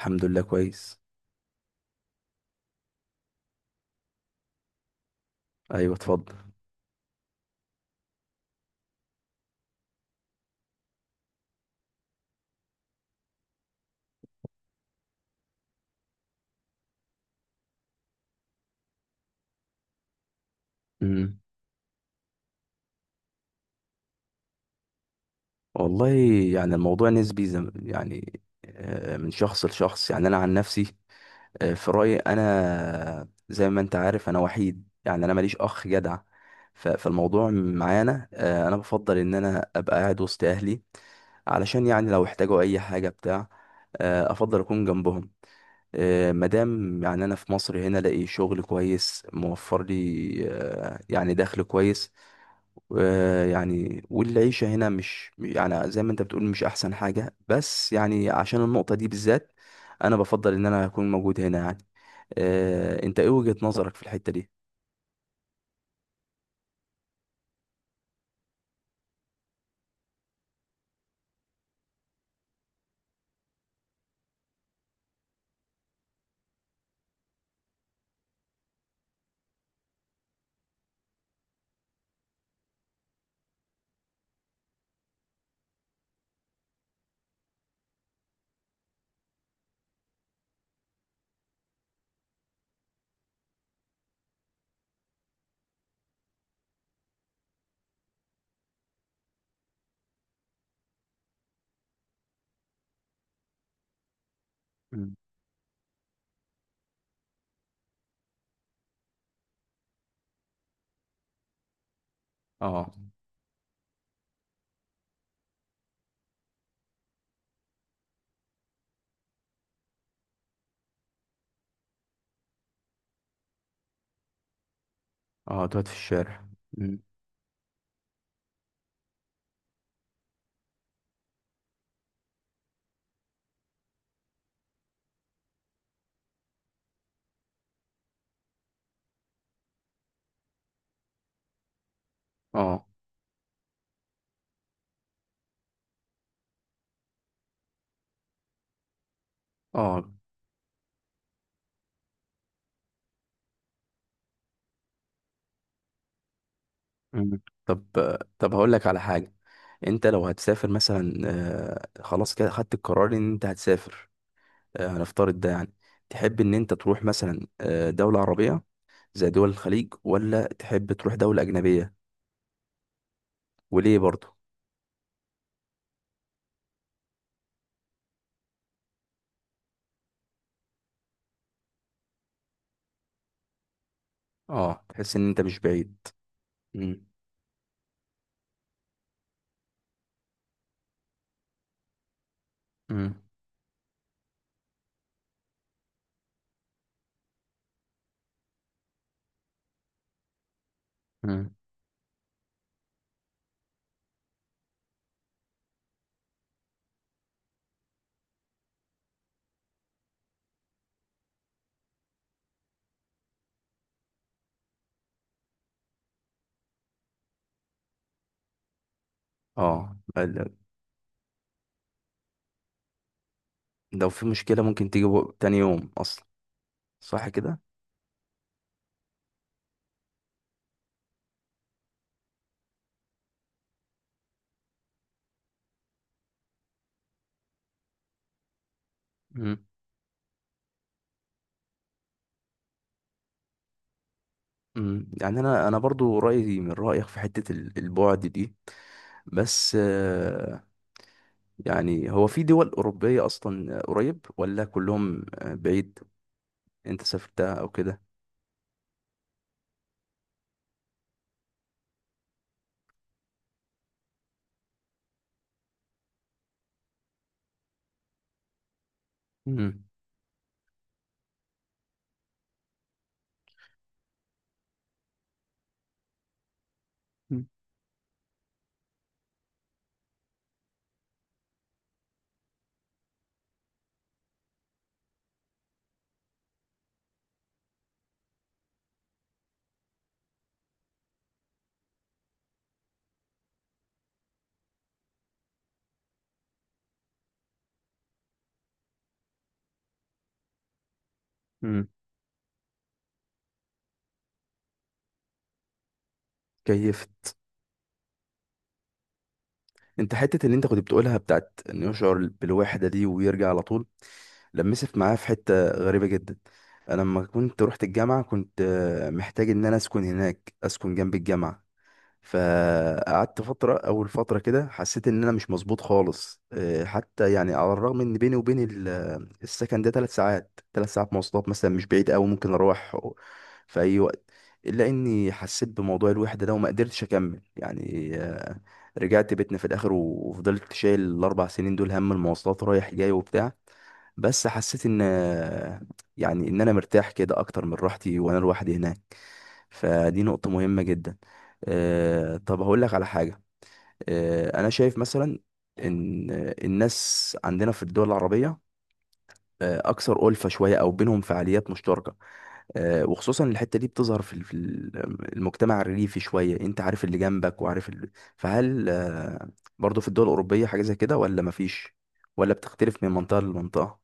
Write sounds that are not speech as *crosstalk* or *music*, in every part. الحمد لله كويس. ايوه، اتفضل. امم. والله، يعني الموضوع نسبي يعني، من شخص لشخص. يعني انا عن نفسي في رايي، انا زي ما انت عارف انا وحيد، يعني انا ماليش اخ جدع. فالموضوع معانا، انا بفضل ان انا ابقى قاعد وسط اهلي، علشان يعني لو احتاجوا اي حاجه بتاع، افضل اكون جنبهم. مادام يعني انا في مصر هنا الاقي شغل كويس موفر لي، يعني دخل كويس، ويعني والعيشة هنا مش يعني زي ما انت بتقول مش احسن حاجة، بس يعني عشان النقطة دي بالذات انا بفضل ان انا اكون موجود هنا يعني. انت ايه وجهة نظرك في الحتة دي؟ مم. اه. اه، تقعد في الشارع. مم. اه. اه. مم. طب طب هقول لك على حاجة. انت لو هتسافر مثلا، خلاص كده خدت القرار ان انت هتسافر، هنفترض ده يعني. تحب ان انت تروح مثلا دولة عربية زي دول الخليج، ولا تحب تروح دولة أجنبية؟ وليه برضه؟ اه، تحس إن أنت مش بعيد. مم. مم. مم. اه، لو في مشكلة ممكن تيجي تاني يوم أصلا، صح كده؟ مم. مم. يعني أنا برضو رأيي من رأيك في حتة البعد دي، بس يعني هو في دول أوروبية أصلا قريب ولا كلهم بعيد؟ أنت سافرتها أو كده؟ مم. مم. مم. كيفت. انت حته اللي انت كنت بتقولها بتاعت انه يشعر بالوحده دي ويرجع على طول، لمست معايا في حته غريبه جدا. انا لما كنت رحت الجامعه كنت محتاج ان انا اسكن هناك، اسكن جنب الجامعه. فقعدت فترة، أول فترة كده حسيت إن أنا مش مظبوط خالص، حتى يعني على الرغم إن بيني وبين السكن ده تلات ساعات، تلات ساعات مواصلات مثلا، مش بعيد أوي، ممكن أروح في أي وقت. إلا إني حسيت بموضوع الوحدة ده وما قدرتش أكمل يعني. رجعت بيتنا في الآخر وفضلت شايل الأربع سنين دول هم المواصلات رايح جاي وبتاع، بس حسيت إن يعني إن أنا مرتاح كده أكتر من راحتي وأنا لوحدي هناك. فدي نقطة مهمة جدا. طب هقول لك على حاجة. أنا شايف مثلا إن الناس عندنا في الدول العربية أكثر ألفة شوية، أو بينهم فعاليات مشتركة. وخصوصا الحتة دي بتظهر في المجتمع الريفي شوية. أنت عارف اللي جنبك وعارف اللي... فهل برضو في الدول الأوروبية حاجة زي كده ولا مفيش؟ ولا بتختلف من منطقة لمنطقة؟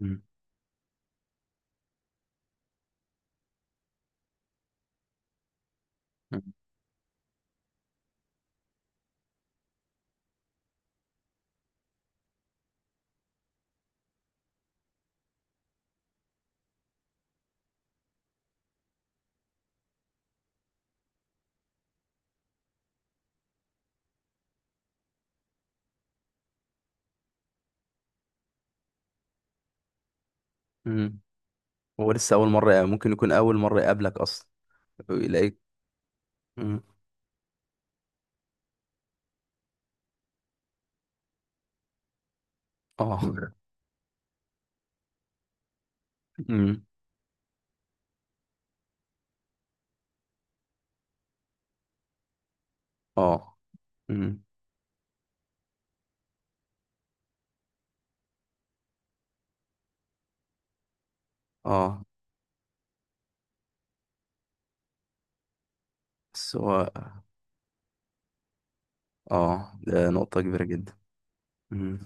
مم. مم. مم. هو لسه أول مرة، ممكن يكون أول مرة يقابلك أصلا، يلاقيك. مم. اه. *laughs* امم. اه. امم. اه. بس هو. اه، ده نقطة كبيرة جدا. امم.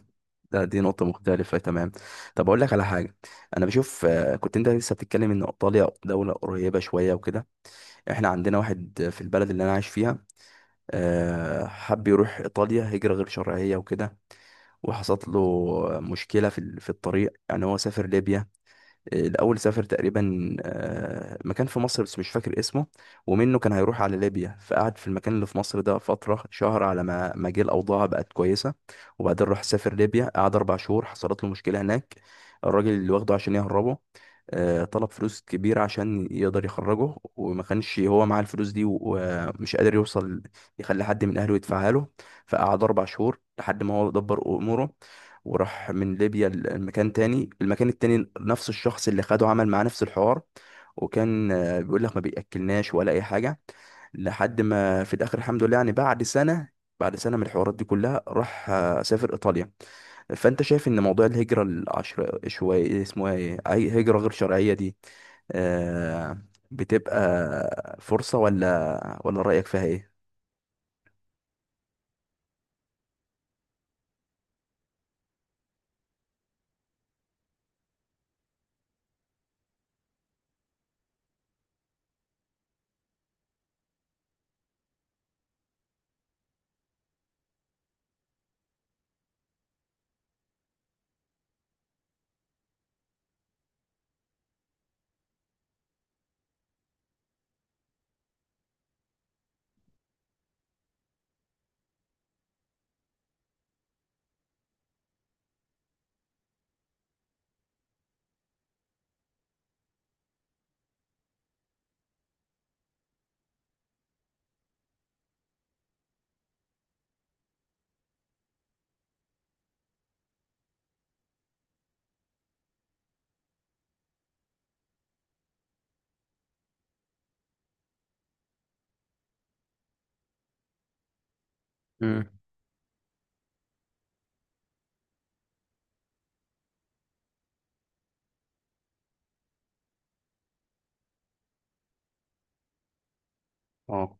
دي نقطة مختلفة تمام. طب أقول لك على حاجة. أنا بشوف كنت أنت لسه بتتكلم إن إيطاليا دولة قريبة شوية وكده. إحنا عندنا واحد في البلد اللي أنا عايش فيها، حب يروح إيطاليا هجرة غير شرعية وكده. وحصلت له مشكلة في الطريق. يعني هو سافر ليبيا الأول، سافر تقريبا مكان في مصر بس مش فاكر اسمه، ومنه كان هيروح على ليبيا. فقعد في المكان اللي في مصر ده فترة شهر على ما جه الأوضاع بقت كويسة، وبعدين راح سافر ليبيا، قعد أربع شهور، حصلت له مشكلة هناك. الراجل اللي واخده عشان يهربه طلب فلوس كبيرة عشان يقدر يخرجه، وما كانش هو معاه الفلوس دي، ومش قادر يوصل يخلي حد من أهله يدفعها له. فقعد أربع شهور لحد ما هو دبر أموره، وراح من ليبيا لمكان تاني. المكان التاني نفس الشخص اللي خده عمل معاه نفس الحوار، وكان بيقول لك ما بيأكلناش ولا أي حاجة. لحد ما في الآخر الحمد لله يعني، بعد سنة، بعد سنة من الحوارات دي كلها، راح سافر إيطاليا. فأنت شايف إن موضوع الهجرة العشر شوية اسمه إيه، أي هجرة غير شرعية دي، آه، بتبقى فرصة ولا رأيك فيها إيه؟ مم. اه.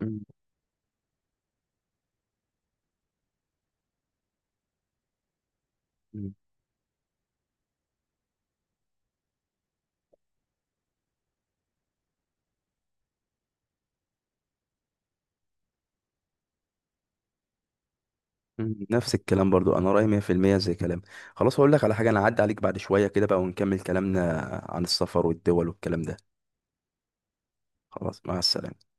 مم. مم، نفس الكلام برضو انا رايي 100% زي كلام. خلاص هقول لك على حاجه، انا هعدي عليك بعد شويه كده بقى، ونكمل كلامنا عن السفر والدول والكلام ده. خلاص، مع السلامه.